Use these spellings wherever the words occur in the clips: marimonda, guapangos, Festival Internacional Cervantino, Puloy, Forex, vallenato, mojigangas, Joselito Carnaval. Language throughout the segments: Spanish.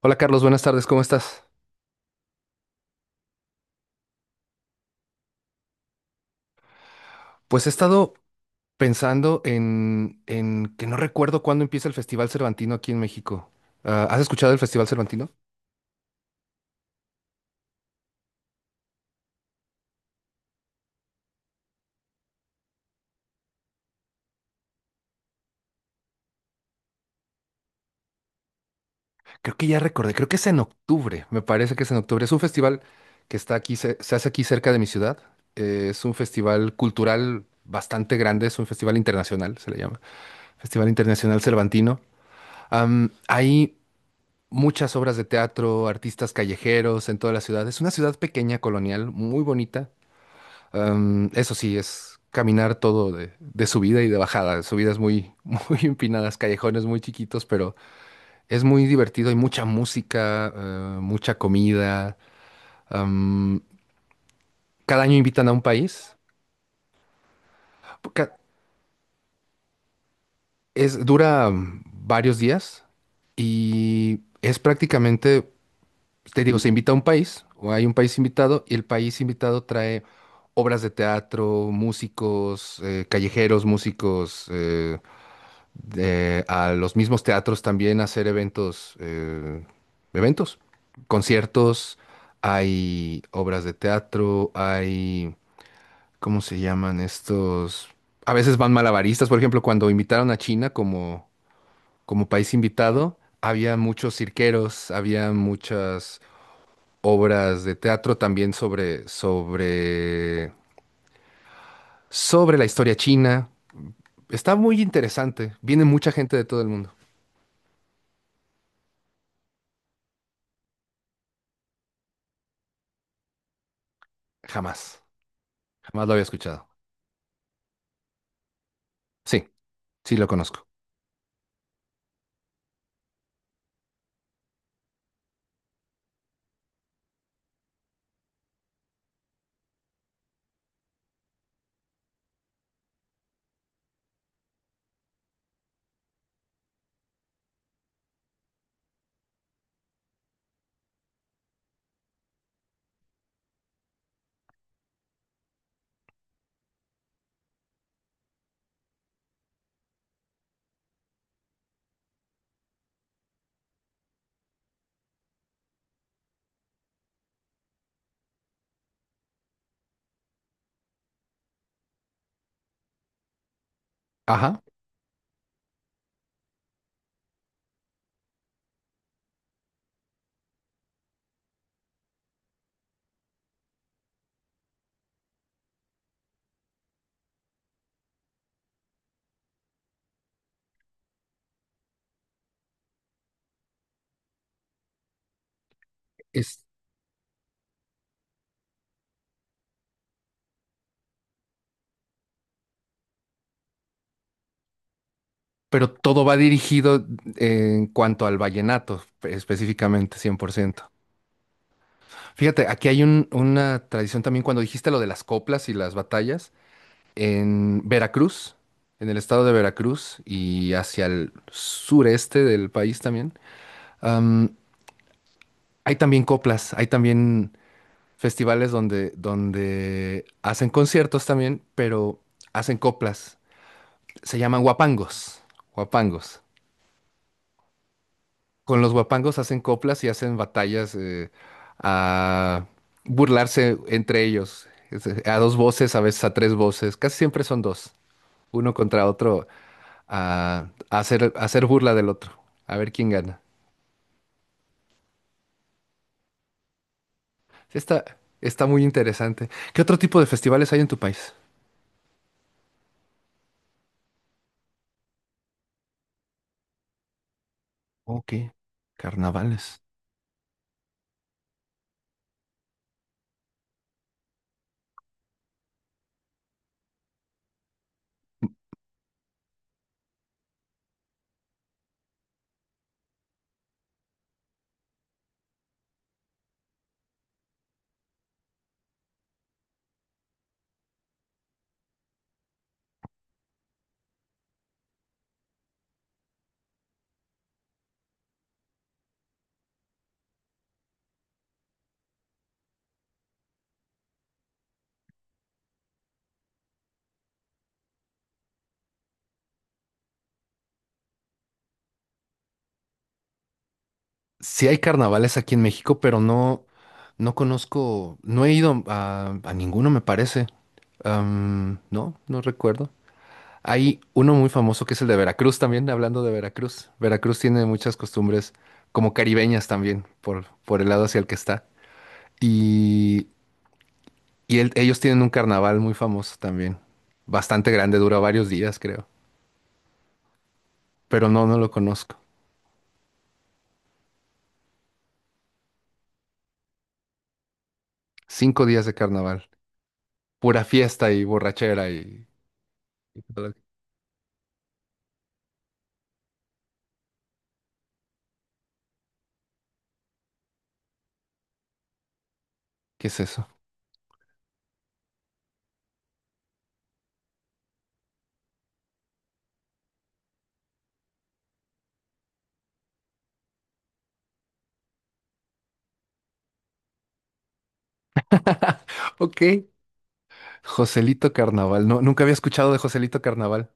Hola Carlos, buenas tardes, ¿cómo estás? Pues he estado pensando en que no recuerdo cuándo empieza el Festival Cervantino aquí en México. Ah, ¿has escuchado el Festival Cervantino? Creo que ya recordé, creo que es en octubre, me parece que es en octubre. Es un festival que está aquí, hace aquí cerca de mi ciudad. Es un festival cultural bastante grande, es un festival internacional, se le llama. Festival Internacional Cervantino. Hay muchas obras de teatro, artistas callejeros en toda la ciudad. Es una ciudad pequeña, colonial, muy bonita. Eso sí, es caminar todo de subida y de bajada. Subidas muy, muy empinadas, callejones muy chiquitos, pero es muy divertido. Hay mucha música, mucha comida. Am, Cada año invitan a un país. Ca- Dura varios días y es prácticamente, te digo, se invita a un país o hay un país invitado y el país invitado trae obras de teatro, músicos, callejeros, músicos, a los mismos teatros también hacer eventos, eventos, conciertos, hay obras de teatro, hay, ¿cómo se llaman estos? A veces van malabaristas, por ejemplo, cuando invitaron a China como país invitado, había muchos cirqueros, había muchas obras de teatro también sobre la historia china. Está muy interesante, viene mucha gente de todo el mundo. Jamás, jamás lo había escuchado. Sí, sí lo conozco. Ajá. Es, pero todo va dirigido en cuanto al vallenato, específicamente, 100%. Fíjate, aquí hay una tradición también cuando dijiste lo de las coplas y las batallas, en Veracruz, en el estado de Veracruz y hacia el sureste del país también, am, hay también coplas, hay también festivales donde hacen conciertos también, pero hacen coplas. Se llaman guapangos, guapangos. Con los guapangos hacen coplas y hacen batallas a burlarse entre ellos. A dos voces, a veces a tres voces. Casi siempre son dos. Uno contra otro a hacer burla del otro. A ver quién gana. Sí, está muy interesante. ¿Qué otro tipo de festivales hay en tu país? Ok, carnavales. Sí hay carnavales aquí en México, pero no, no conozco, no he ido a ninguno, me parece. No, no recuerdo. Hay uno muy famoso que es el de Veracruz también, hablando de Veracruz. Veracruz tiene muchas costumbres como caribeñas también, por el lado hacia el que está. Y, y ellos tienen un carnaval muy famoso también, bastante grande, dura varios días, creo. Pero no, no lo conozco. 5 días de carnaval, pura fiesta y borrachera y todo lo que- ¿Qué es eso? Ok. Joselito Carnaval. No, nunca había escuchado de Joselito Carnaval.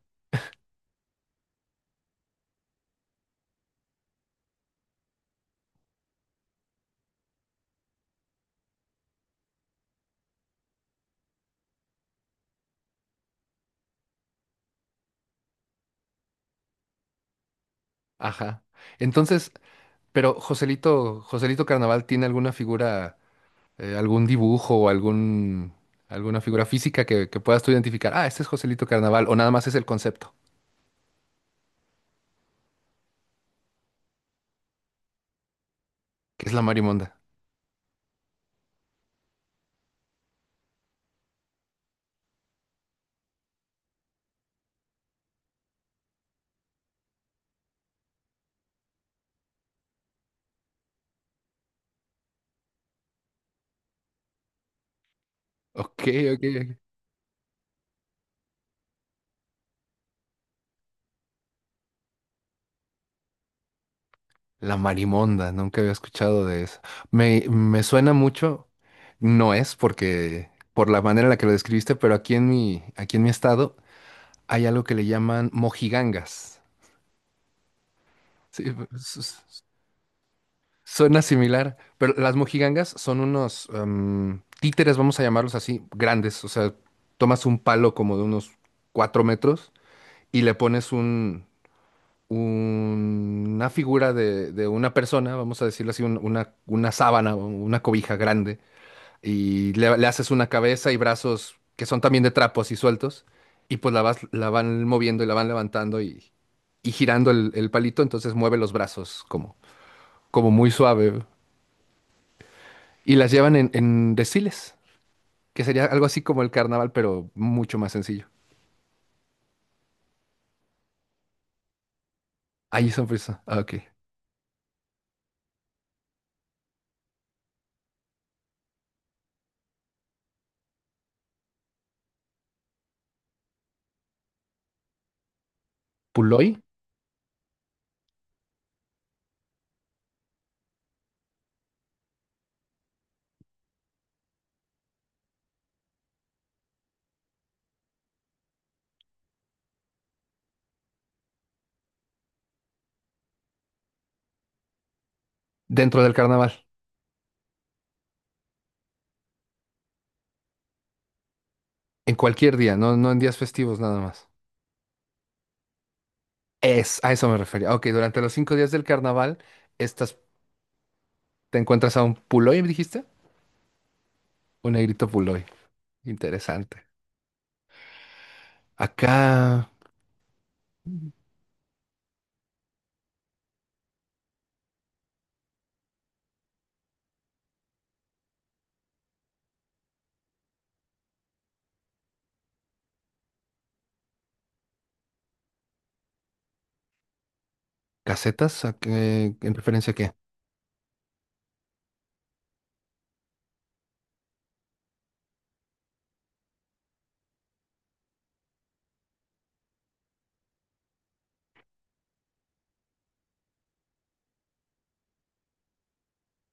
Ajá. Entonces, pero Joselito, Joselito Carnaval tiene alguna figura algún dibujo o algún, alguna figura física que puedas tú identificar. Ah, este es Joselito Carnaval, o nada más es el concepto, qué es la marimonda. Ok, ok, ok. La marimonda, nunca había escuchado de eso. Me suena mucho, no es porque por la manera en la que lo describiste, pero aquí en mi estado hay algo que le llaman mojigangas. Sí, pues. Suena similar, pero las mojigangas son unos títeres, vamos a llamarlos así, grandes. O sea, tomas un palo como de unos 4 metros y le pones una figura de una persona, vamos a decirlo así, una sábana, o una cobija grande, y le haces una cabeza y brazos que son también de trapo así sueltos, y pues la vas, la van moviendo y la van levantando y girando el palito, entonces mueve los brazos como muy suave. Y las llevan en desfiles, que sería algo así como el carnaval, pero mucho más sencillo. Ahí son frisos. Ah, ok. Puloy, dentro del carnaval, en cualquier día, no, no en días festivos nada más. A eso me refería. Ok, durante los 5 días del carnaval, estas, te encuentras a un Puloy, ¿me dijiste? Un negrito Puloy. Interesante. Acá, casetas, ¿en referencia a qué?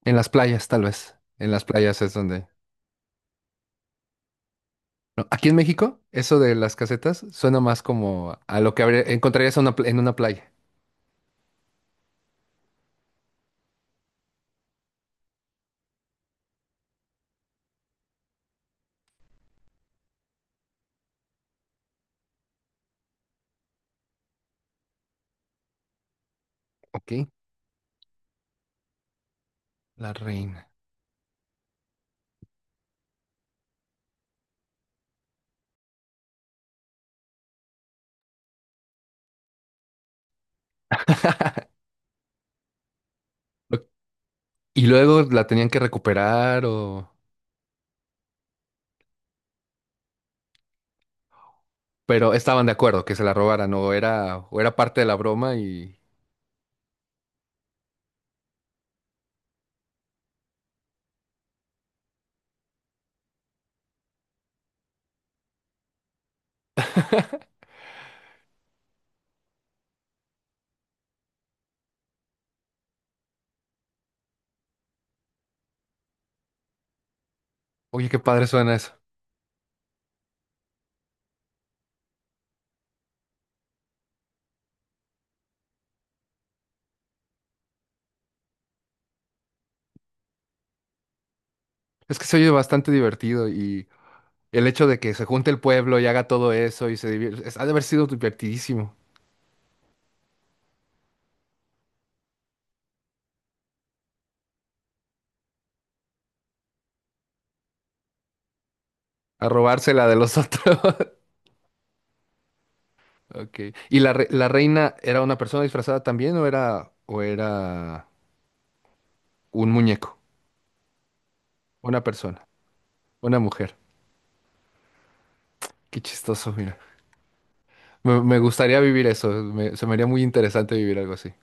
En las playas, tal vez. En las playas es donde... No, aquí en México, eso de las casetas suena más como a lo que encontrarías en una playa. Ok, la reina. Lo- Y luego la tenían que recuperar o... Pero estaban de acuerdo que se la robaran o era, parte de la broma y... Oye, qué padre suena eso. Es que se oye bastante divertido y el hecho de que se junte el pueblo y haga todo eso y ha de haber sido divertidísimo. A robársela de los otros. Ok. ¿Y la reina era una persona disfrazada también? Un muñeco, una persona, una mujer. Qué chistoso, mira. Me gustaría vivir eso. Se me haría muy interesante vivir algo así.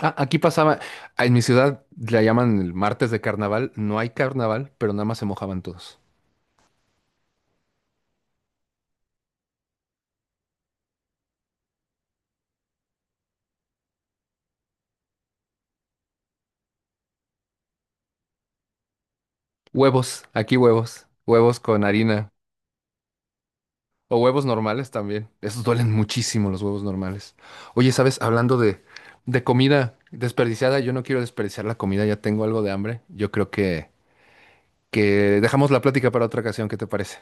Ah, aquí pasaba, en mi ciudad la llaman el martes de carnaval. No hay carnaval, pero nada más se mojaban todos. Huevos, aquí huevos, huevos con harina o huevos normales también. Esos duelen muchísimo los huevos normales. Oye, ¿sabes? Hablando de comida desperdiciada, yo no quiero desperdiciar la comida, ya tengo algo de hambre. Yo creo que dejamos la plática para otra ocasión, ¿qué te parece?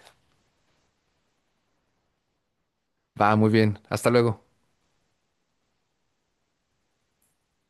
Va, muy bien. Hasta luego.